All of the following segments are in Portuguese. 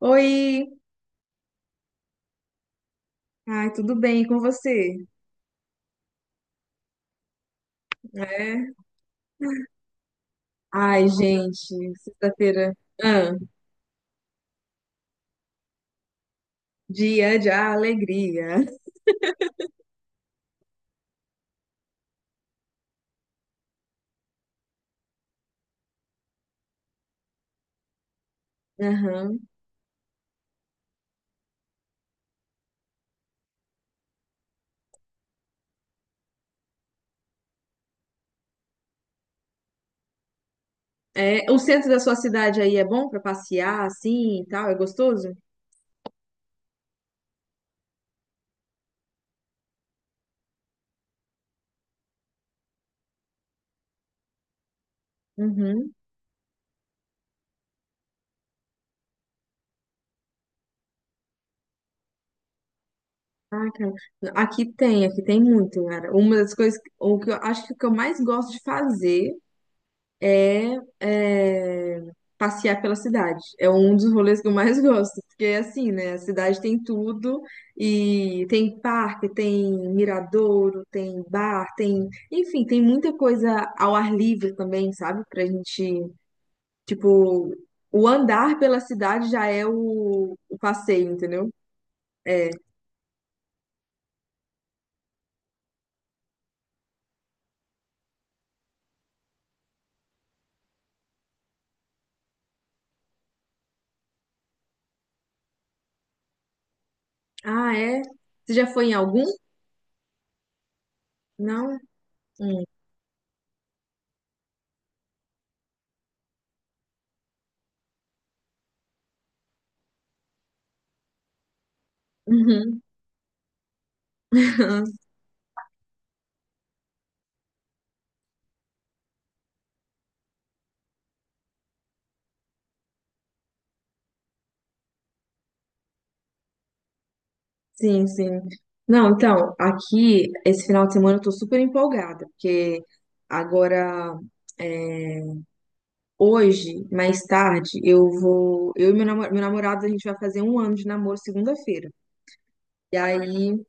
Oi! Ai, tudo bem e com você? É? Ai, gente, sexta-feira. Ah, dia de alegria. Aham. É, o centro da sua cidade aí é bom pra passear assim e tal? É gostoso? Uhum. Ah, cara. Aqui tem muito, cara. Uma das coisas, o que eu mais gosto de fazer é, é, passear pela cidade. É um dos rolês que eu mais gosto, porque é assim, né? A cidade tem tudo e tem parque, tem miradouro, tem bar, tem, enfim, tem muita coisa ao ar livre também, sabe? Pra gente, tipo, o andar pela cidade já é o passeio, entendeu? É. Ah, é? Você já foi em algum? Não? Hum. Uhum. Sim, sim. Não, então, aqui, esse final de semana eu tô super empolgada, porque agora, é, hoje, mais tarde, eu vou. Eu e meu meu namorado, a gente vai fazer um ano de namoro segunda-feira. E aí,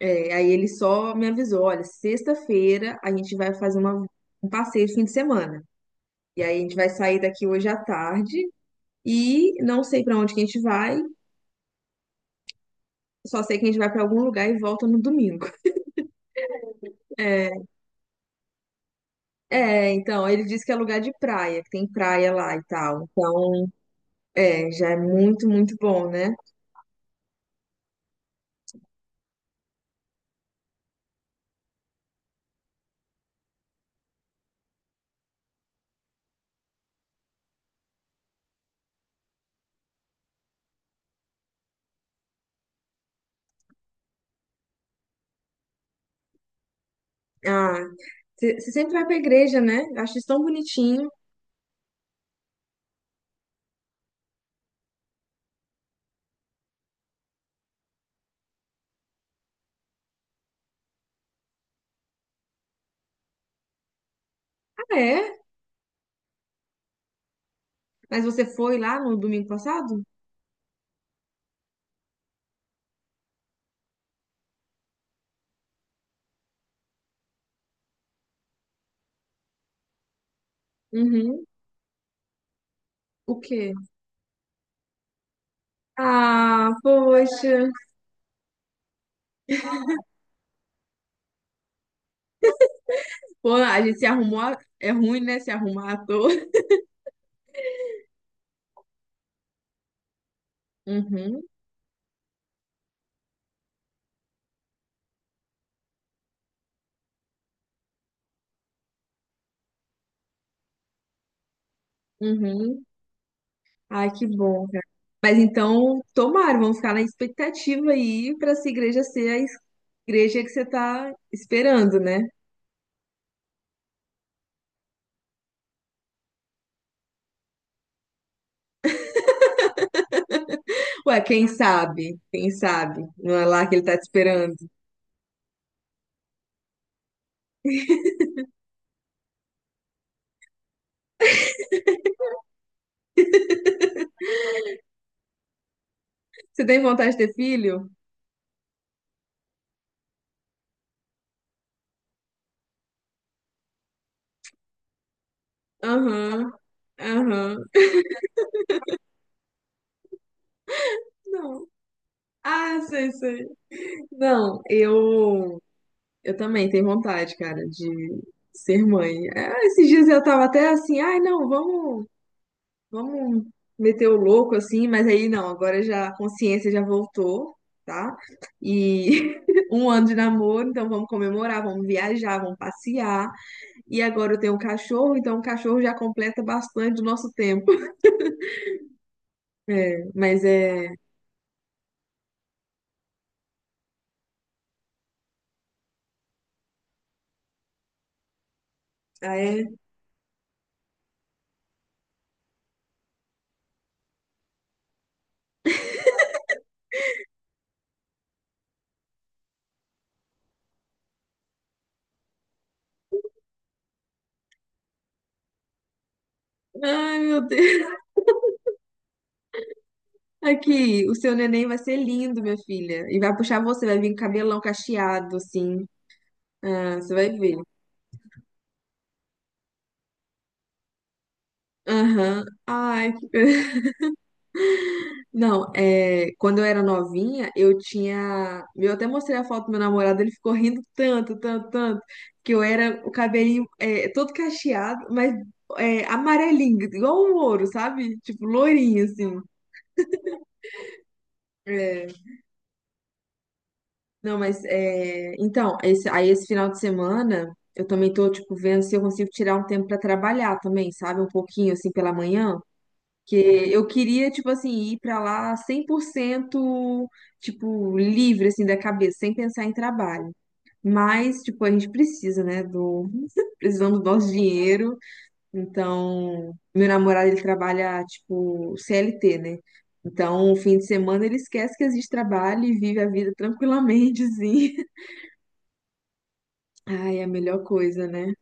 aí ele só me avisou: olha, sexta-feira a gente vai fazer um passeio de fim de semana. E aí a gente vai sair daqui hoje à tarde e não sei pra onde que a gente vai, só sei que a gente vai pra algum lugar e volta no domingo. É, então, ele disse que é lugar de praia, que tem praia lá e tal. Então, é, já é muito, muito bom, né? Ah, você sempre vai pra igreja, né? Eu acho isso tão bonitinho. Ah, é? Mas você foi lá no domingo passado? Uhum. O quê? Ah, poxa. Pô, a gente se arrumou. É ruim, né? Se arrumar à toa. Uhum, uhum. Ai, que bom, cara. Mas então, tomara, vamos ficar na expectativa aí pra essa igreja ser a igreja que você tá esperando, né? Ué, quem sabe? Quem sabe? Não é lá que ele tá te esperando. Você tem vontade de ter filho? Aham, aham. Não. Ah, sei, sei. Não, eu também tenho vontade, cara, de ser mãe. Ah, esses dias eu tava até assim, ai, não, vamos, vamos meter o louco assim, mas aí não, agora já a consciência já voltou, tá? E um ano de namoro, então vamos comemorar, vamos viajar, vamos passear. E agora eu tenho um cachorro, então o cachorro já completa bastante o nosso tempo. É, mas é. Ah, é. Ai, meu Deus. Aqui, o seu neném vai ser lindo, minha filha. E vai puxar você, vai vir com cabelão cacheado, assim. Ah, você vai ver. Aham. Ai, que Não, é, quando eu era novinha, eu tinha. Eu até mostrei a foto do meu namorado, ele ficou rindo tanto, tanto, tanto, que eu era o cabelinho todo cacheado, mas é, amarelinho, igual um ouro, sabe? Tipo, lourinho, assim. É, não, mas é, então, esse, aí esse final de semana eu também tô, tipo, vendo se eu consigo tirar um tempo pra trabalhar também, sabe? Um pouquinho assim pela manhã. Que eu queria, tipo assim, ir pra lá 100% tipo, livre, assim, da cabeça, sem pensar em trabalho. Mas, tipo, a gente precisa, né, do... Precisamos do nosso dinheiro. Então, meu namorado, ele trabalha, tipo, CLT, né? Então, o fim de semana ele esquece que existe trabalho e vive a vida tranquilamente, assim. Ai, é a melhor coisa, né?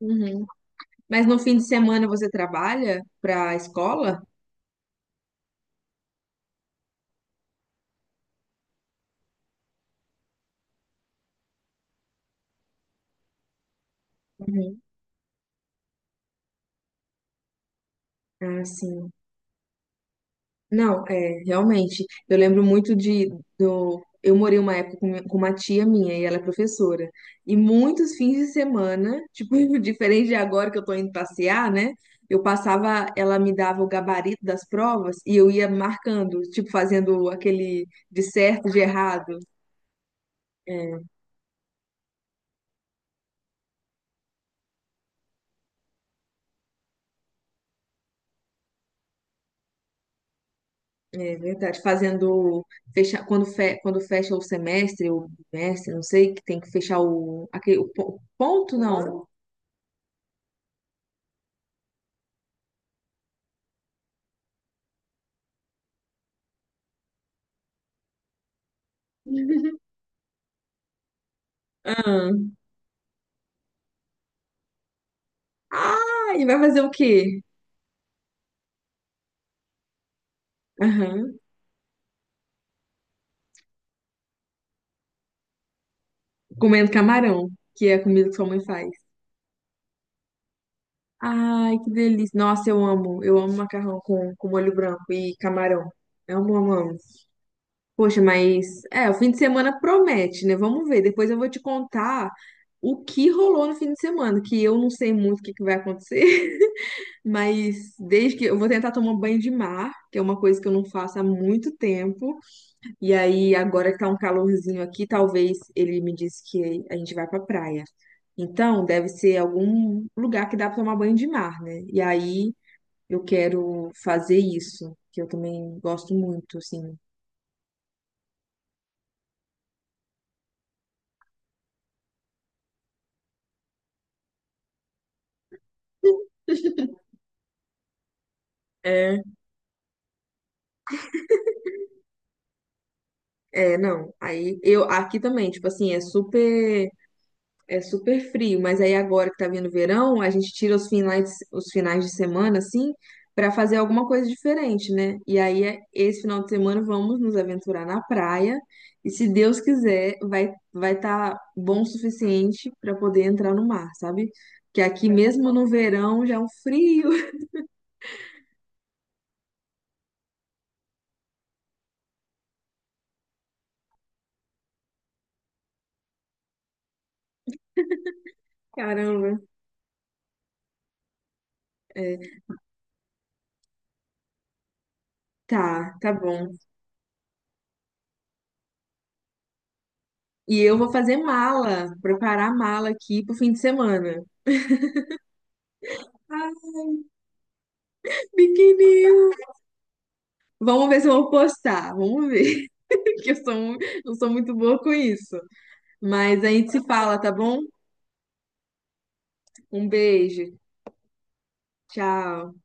Uhum. Mas no fim de semana você trabalha pra escola? Uhum. Ah, sim. Não, é, realmente. Eu lembro muito do, eu morei uma época com uma tia minha e ela é professora. E muitos fins de semana, tipo, diferente de agora que eu tô indo passear, né? Eu passava, ela me dava o gabarito das provas e eu ia marcando, tipo, fazendo aquele de certo, de errado. É é verdade, fazendo fecha, quando, quando fecha o semestre, o bimestre, não sei, que tem que fechar o, aquele, o ponto, não. Ah, Ah, e vai fazer o quê? Aham. Comendo camarão, que é a comida que sua mãe faz. Ai, que delícia. Nossa, eu amo. Eu amo macarrão com molho branco e camarão. Amo, amo, amo. Poxa, mas é, o fim de semana promete, né? Vamos ver. Depois eu vou te contar o que rolou no fim de semana, que eu não sei muito o que que vai acontecer, mas desde que eu vou tentar tomar banho de mar, que é uma coisa que eu não faço há muito tempo. E aí, agora que tá um calorzinho aqui, talvez ele me disse que a gente vai pra praia. Então, deve ser algum lugar que dá pra tomar banho de mar, né? E aí, eu quero fazer isso, que eu também gosto muito, assim. É, é, não. Aí, eu aqui também, tipo assim, é super É super frio, mas aí agora que tá vindo o verão, a gente tira os finais de semana, assim, pra fazer alguma coisa diferente, né? E aí, esse final de semana, vamos nos aventurar na praia. E se Deus quiser, vai estar bom o suficiente pra poder entrar no mar, sabe? Que aqui mesmo no verão já é um frio. Caramba. É, tá, tá bom. E eu vou fazer mala, preparar mala aqui pro fim de semana. Ah, biquininho. Vamos ver se eu vou postar. Vamos ver. Porque eu sou, eu sou muito boa com isso. Mas a gente se fala, tá bom? Um beijo. Tchau.